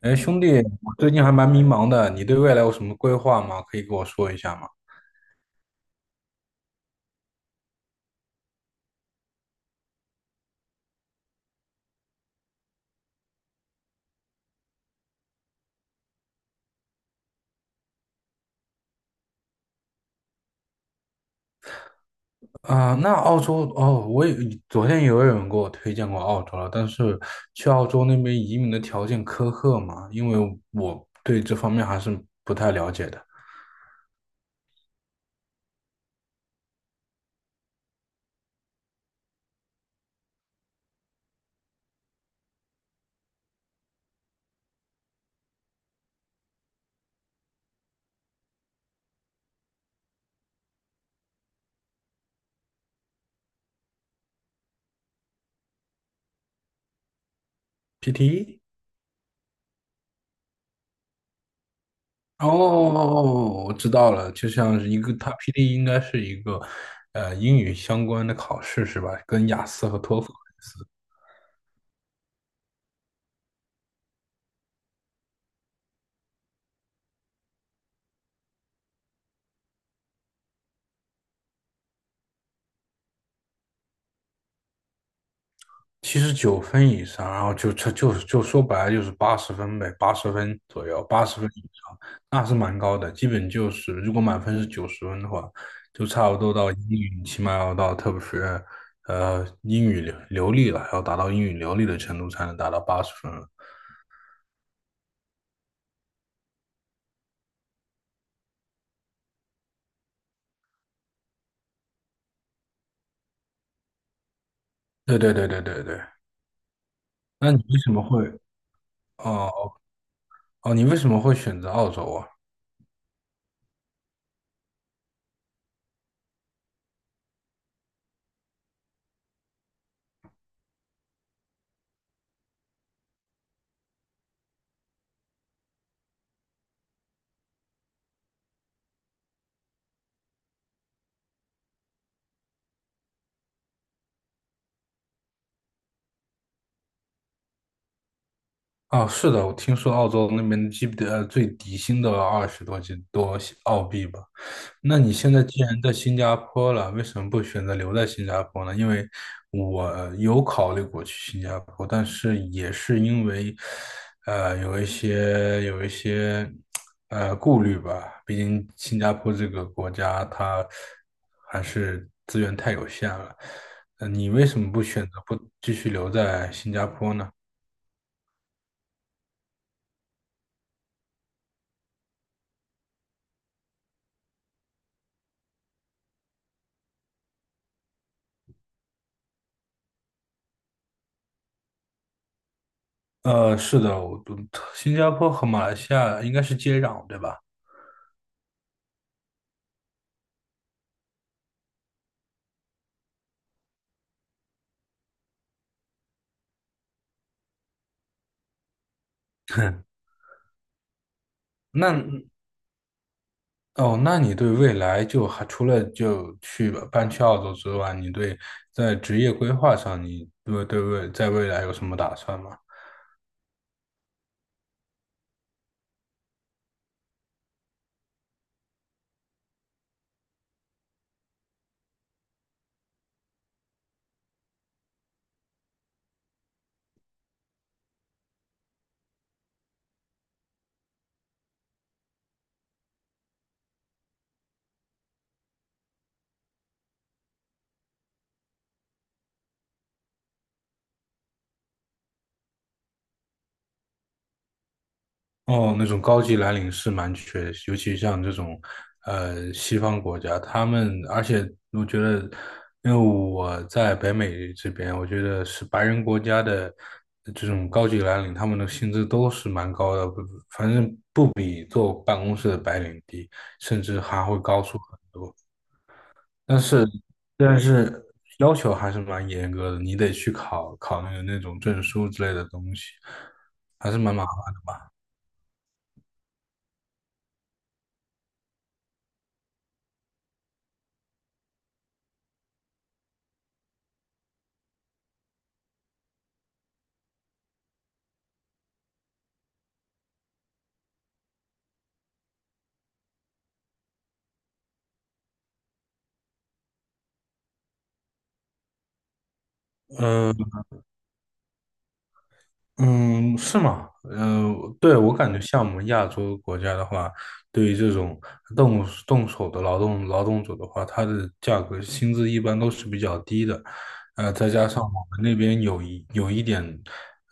哎，兄弟，我最近还蛮迷茫的，你对未来有什么规划吗？可以跟我说一下吗？啊、那澳洲哦，昨天也有人给我推荐过澳洲了，但是去澳洲那边移民的条件苛刻嘛，因为我对这方面还是不太了解的。PTE？哦，我知道了，就像是一个，它 PTE 应该是一个英语相关的考试是吧？跟雅思和托福类似。79分以上，然后就说白了就是八十分呗，八十分左右，八十分以上，那是蛮高的。基本就是如果满分是90分的话，就差不多到英语起码要到特别是英语流利了，要达到英语流利的程度才能达到八十分了。对对对对对对。那你为什么会哦哦？你为什么会选择澳洲啊？哦，是的，我听说澳洲那边基本最底薪都要20多几多澳币吧。那你现在既然在新加坡了，为什么不选择留在新加坡呢？因为我有考虑过去新加坡，但是也是因为，有一些顾虑吧。毕竟新加坡这个国家，它还是资源太有限了。你为什么不选择不继续留在新加坡呢？是的，新加坡和马来西亚应该是接壤，对吧？那哦，那你对未来就还除了就去搬去澳洲之外，在职业规划上，你对未来有什么打算吗？哦，那种高级蓝领是蛮缺尤其像这种西方国家，他们而且我觉得，因为我在北美这边，我觉得是白人国家的这种高级蓝领，他们的薪资都是蛮高的，不反正不比坐办公室的白领低，甚至还会高出很多。但是但是要求还是蛮严格的，你得去考考那种证书之类的东西，还是蛮麻。嗯，是吗？对，我感觉像我们亚洲国家的话，对于这种动动手的劳动者的话，他的价格薪资一般都是比较低的，再加上我们那边有一点，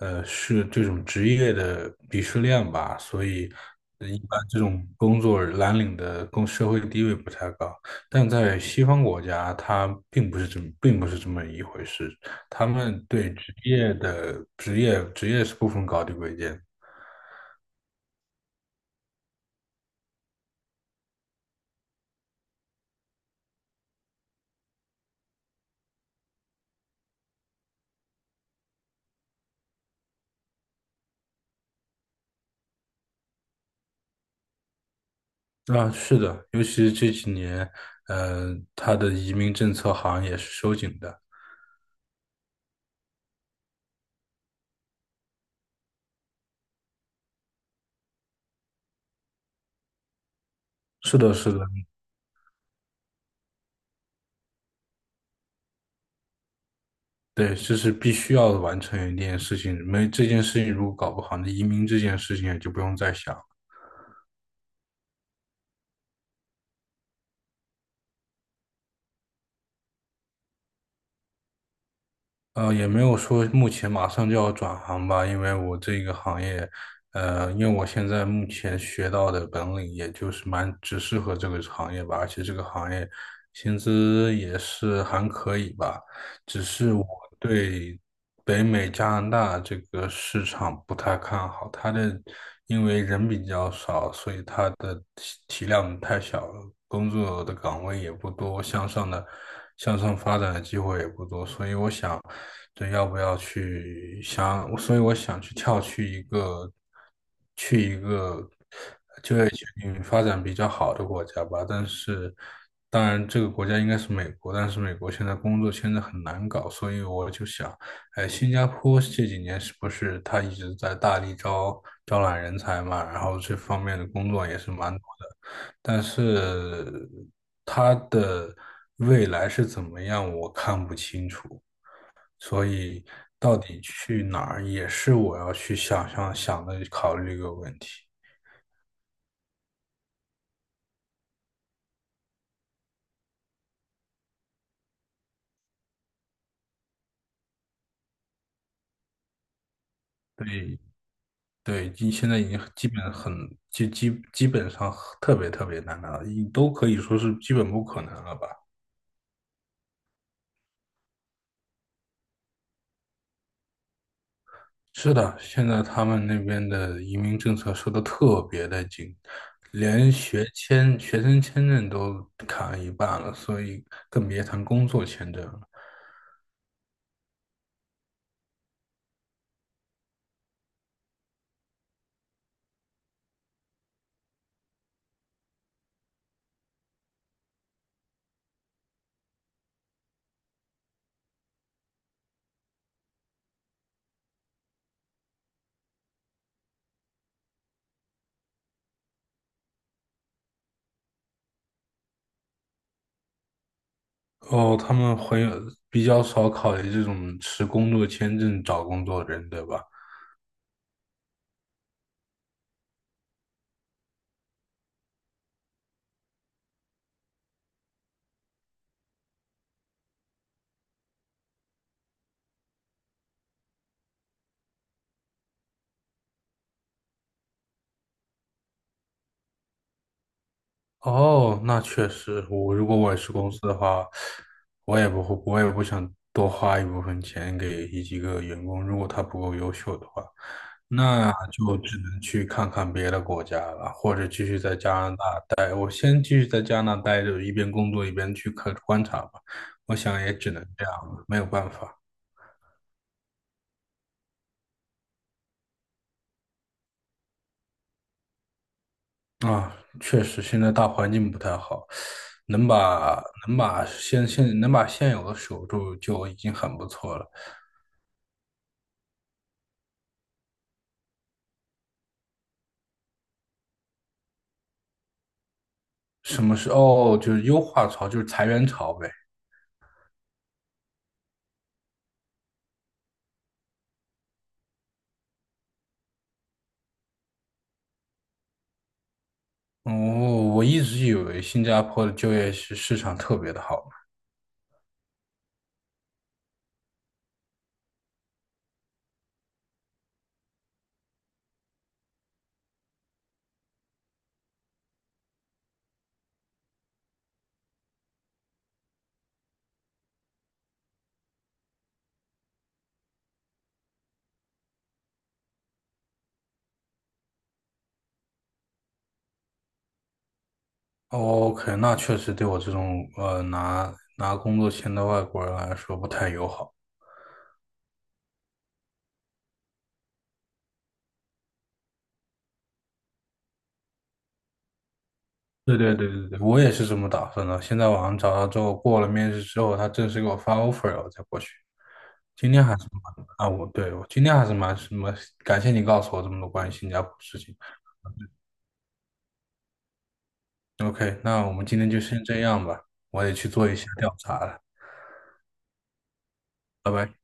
是这种职业的鄙视链吧，所以一般这种工作蓝领的社会地位不太高，但在西方国家，它并不是这么一回事。他们对职业的职业职业是不分高低贵贱。啊，是的，尤其是这几年，他的移民政策好像也是收紧的。是的，是的，对，这是必须要完成一件事情，没这件事情如果搞不好，那移民这件事情也就不用再想。也没有说目前马上就要转行吧，因为我这个行业，因为我现在目前学到的本领，也就是蛮只适合这个行业吧，而且这个行业薪资也是还可以吧，只是我对北美加拿大这个市场不太看好，因为人比较少，所以它的体量太小了，工作的岗位也不多，向上发展的机会也不多，所以我想。对，要不要去想？所以我想去一个发展比较好的国家吧。但是，当然这个国家应该是美国，但是美国现在工作签证很难搞，所以我就想，哎，新加坡这几年是不是他一直在大力招揽人才嘛？然后这方面的工作也是蛮多的，但是它的未来是怎么样，我看不清楚。所以到底去哪儿也是我要去想想的考虑一个问题。对对，你现在已经基本很基基基本上特别特别难了，你都可以说是基本不可能了吧？是的，现在他们那边的移民政策收的特别的紧，连学签、学生签证都砍了一半了，所以更别谈工作签证了。哦，他们会比较少考虑这种持工作签证找工作的人，对吧？哦，那确实，如果我也是公司的话，我也不会，我也不想多花一部分钱给几个员工，如果他不够优秀的话，那就只能去看看别的国家了，或者继续在加拿大待。我先继续在加拿大待着，一边工作一边去观察吧。我想也只能这样了，没有办法。啊，确实，现在大环境不太好，能把能把现有的守住就已经很不错了。什么是哦，就是优化潮，就是裁员潮呗。哦，我一直以为新加坡的就业市场特别的好。哦 OK，那确实对我这种拿工作签的外国人来说不太友好。对对对对对，我也是这么打算的。现在网上找到之后，过了面试之后，他正式给我发 offer 了，我再过去。今天还是蛮啊，我对我今天还是蛮什么，感谢你告诉我这么多关于新加坡的事情。OK，那我们今天就先这样吧，我得去做一下调查了，拜拜。